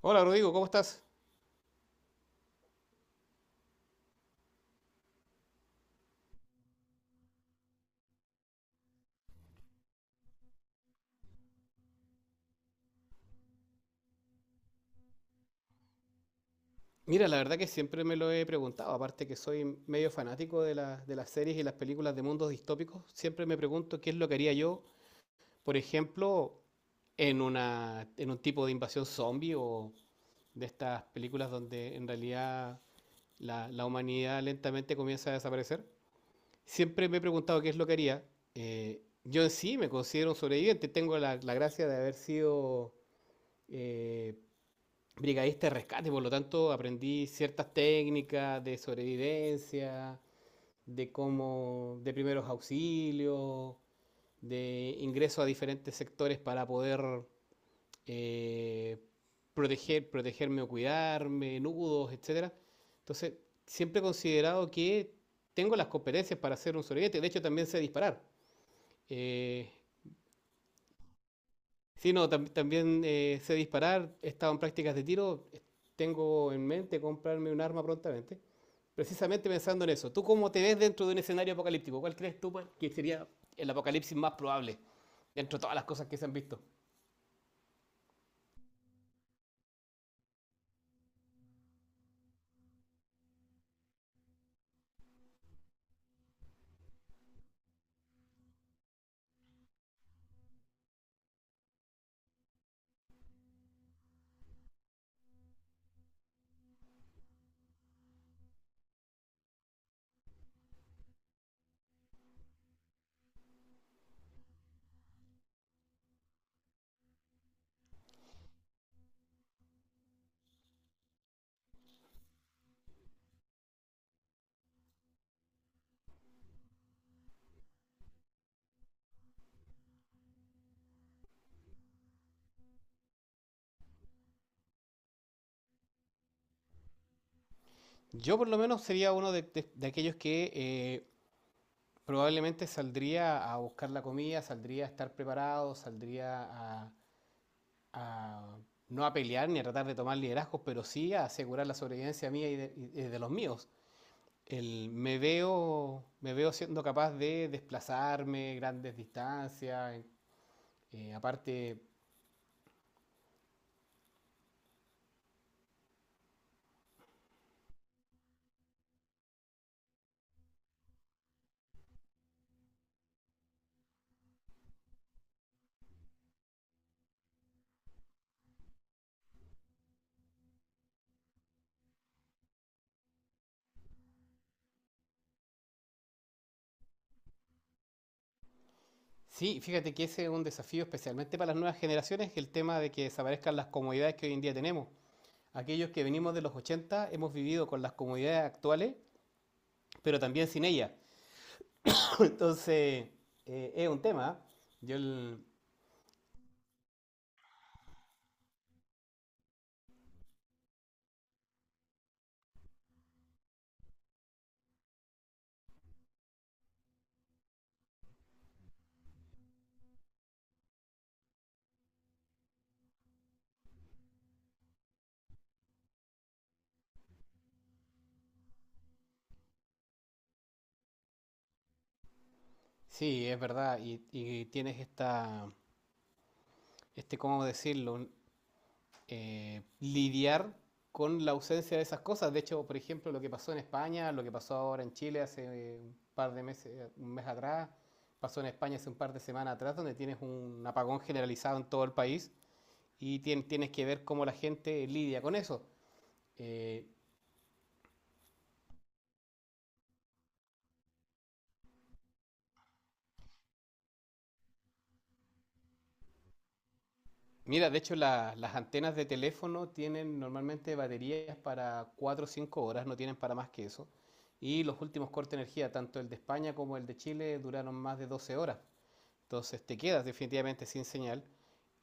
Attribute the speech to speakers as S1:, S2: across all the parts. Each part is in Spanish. S1: Hola Rodrigo, ¿cómo estás? Mira, la verdad que siempre me lo he preguntado, aparte que soy medio fanático de las series y las películas de mundos distópicos, siempre me pregunto qué es lo que haría yo, por ejemplo, en un tipo de invasión zombie o de estas películas donde en realidad la humanidad lentamente comienza a desaparecer. Siempre me he preguntado qué es lo que haría. Yo en sí me considero un sobreviviente. Tengo la gracia de haber sido eh, brigadista de rescate, por lo tanto aprendí ciertas técnicas de sobrevivencia, de primeros auxilios, de ingreso a diferentes sectores para poder eh, proteger, protegerme o cuidarme, nudos, etcétera. Entonces, siempre he considerado que tengo las competencias para ser un sobreviviente. De hecho, también sé disparar. Eh, Sí, no, también sé disparar, he estado en prácticas de tiro, tengo en mente comprarme un arma prontamente, precisamente pensando en eso. ¿Tú cómo te ves dentro de un escenario apocalíptico? ¿Cuál crees tú pues, que sería el apocalipsis más probable dentro de todas las cosas que se han visto? Yo por lo menos sería uno de, de aquellos que probablemente saldría a buscar la comida, saldría a estar preparado, a no a pelear ni a tratar de tomar liderazgos, pero sí a asegurar la sobrevivencia mía y de los míos. Me veo siendo capaz de desplazarme grandes distancias. eh, aparte, sí, fíjate que ese es un desafío especialmente para las nuevas generaciones, el tema de que desaparezcan las comodidades que hoy en día tenemos. Aquellos que venimos de los 80 hemos vivido con las comodidades actuales, pero también sin ellas. Entonces, es un tema. Yo, el- sí, es verdad, y tienes esta, este, ¿cómo decirlo? Lidiar con la ausencia de esas cosas. De hecho, por ejemplo, lo que pasó en España, lo que pasó ahora en Chile hace un par de meses, un mes atrás, pasó en España hace un par de semanas atrás, donde tienes un apagón generalizado en todo el país y tienes que ver cómo la gente lidia con eso. Eh, Mira, de hecho, las antenas de teléfono tienen normalmente baterías para 4 o 5 horas, no tienen para más que eso. Y los últimos cortes de energía, tanto el de España como el de Chile, duraron más de 12 horas. Entonces te quedas definitivamente sin señal.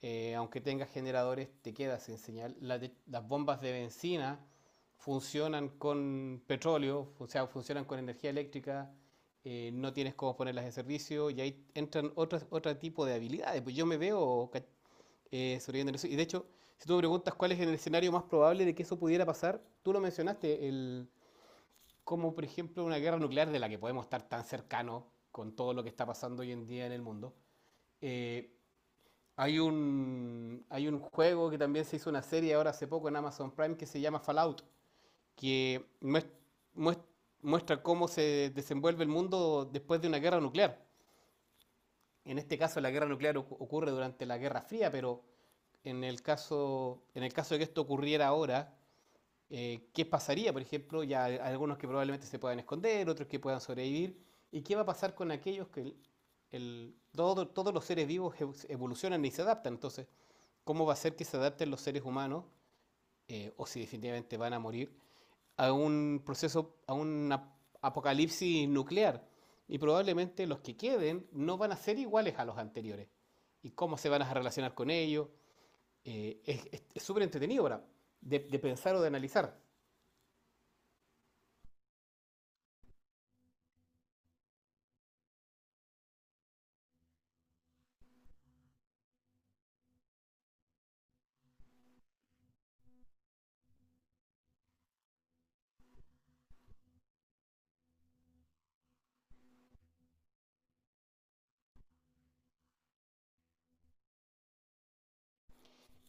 S1: Aunque tengas generadores, te quedas sin señal. Las bombas de benzina funcionan con petróleo, o sea, funcionan con energía eléctrica. No tienes cómo ponerlas en servicio y ahí entran otro tipo de habilidades. Pues yo me veo ca- sobreviviendo eso. Y de hecho, si tú me preguntas cuál es el escenario más probable de que eso pudiera pasar, tú lo mencionaste, como por ejemplo una guerra nuclear de la que podemos estar tan cercanos con todo lo que está pasando hoy en día en el mundo. Eh, Hay un juego que también se hizo una serie ahora hace poco en Amazon Prime que se llama Fallout, que muest- muestra cómo se desenvuelve el mundo después de una guerra nuclear. En este caso la guerra nuclear ocurre durante la Guerra Fría, pero en el caso de que esto ocurriera ahora, qué pasaría, por ejemplo, ya hay algunos que probablemente se puedan esconder, otros que puedan sobrevivir, y qué va a pasar con aquellos que el- todo- todos los seres vivos evolucionan y se adaptan. Entonces, ¿cómo va a ser que se adapten los seres humanos, o si definitivamente van a morir, a un apocalipsis nuclear? Y probablemente los que queden no van a ser iguales a los anteriores. ¿Y cómo se van a relacionar con ellos? Eh, es es súper entretenido ahora de pensar o de analizar.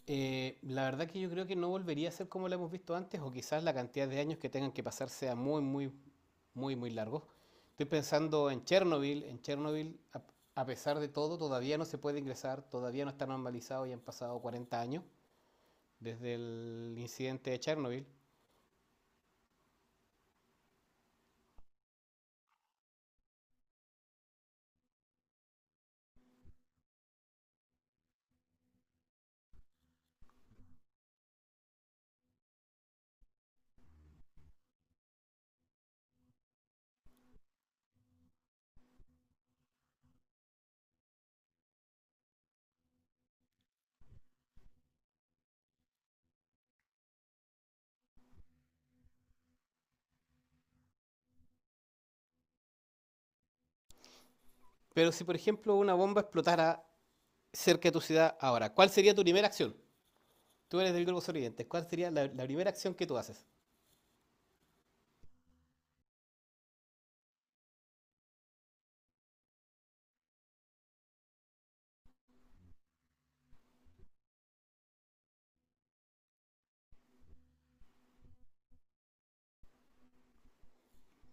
S1: La verdad que yo creo que no volvería a ser como la hemos visto antes, o quizás la cantidad de años que tengan que pasar sea muy, muy, muy, muy largo. Estoy pensando en Chernobyl. En Chernobyl, a pesar de todo, todavía no se puede ingresar, todavía no está normalizado y han pasado 40 años desde el incidente de Chernobyl. Pero si, por ejemplo, una bomba explotara cerca de tu ciudad ahora, ¿cuál sería tu primera acción? Tú eres del grupo Oriente, ¿cuál sería la primera acción que tú haces?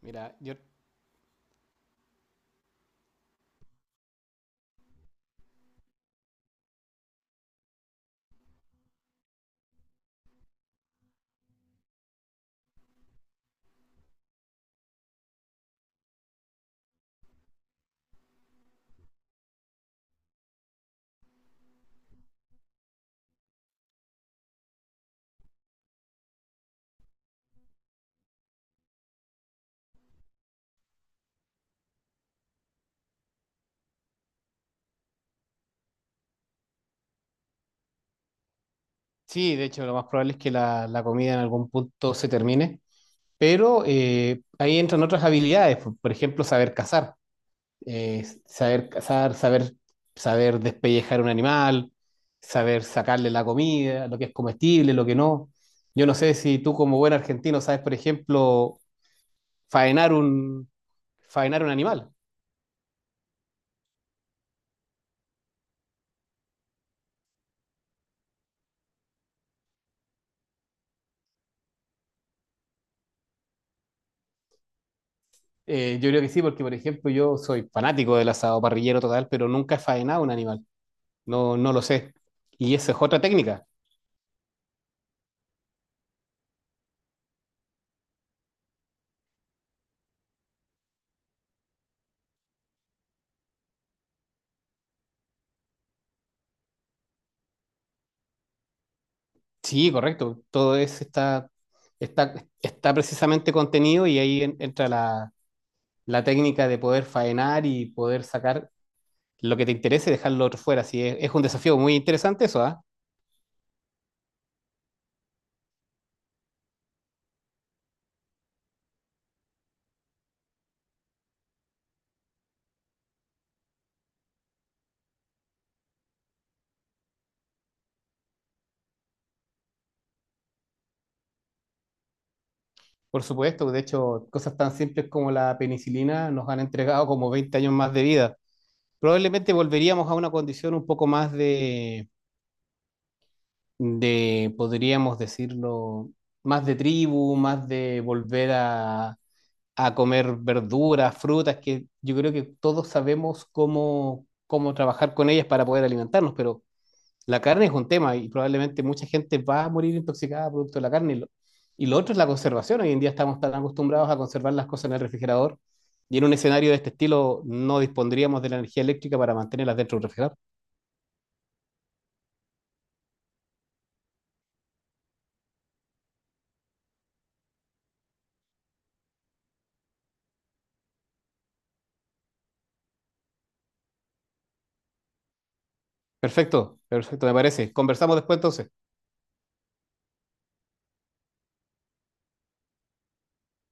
S1: Mira, yo... Sí, de hecho, lo más probable es que la comida en algún punto se termine. Pero ahí entran otras habilidades, por ejemplo, saber cazar, eh, saber cazar, saber, saber despellejar un animal, saber sacarle la comida, lo que es comestible, lo que no. Yo no sé si tú como buen argentino sabes, por ejemplo, faenar un, faenar un animal. Yo creo que sí, porque por ejemplo yo soy fanático del asado parrillero total, pero nunca he faenado un animal, no lo sé. Y esa es otra técnica. Sí, correcto. Todo eso está, está precisamente contenido y ahí entra la técnica de poder faenar y poder sacar lo que te interese y dejarlo otro fuera. Sí, es un desafío muy interesante eso, ¿ah? Por supuesto. De hecho, cosas tan simples como la penicilina nos han entregado como 20 años más de vida. Probablemente volveríamos a una condición un poco más podríamos decirlo, más de tribu, más de volver a comer verduras, frutas, que yo creo que todos sabemos cómo trabajar con ellas para poder alimentarnos, pero la carne es un tema y probablemente mucha gente va a morir intoxicada producto de la carne. Y lo otro es la conservación. Hoy en día estamos tan acostumbrados a conservar las cosas en el refrigerador y en un escenario de este estilo no dispondríamos de la energía eléctrica para mantenerlas dentro del refrigerador. Perfecto, perfecto, me parece. Conversamos después entonces.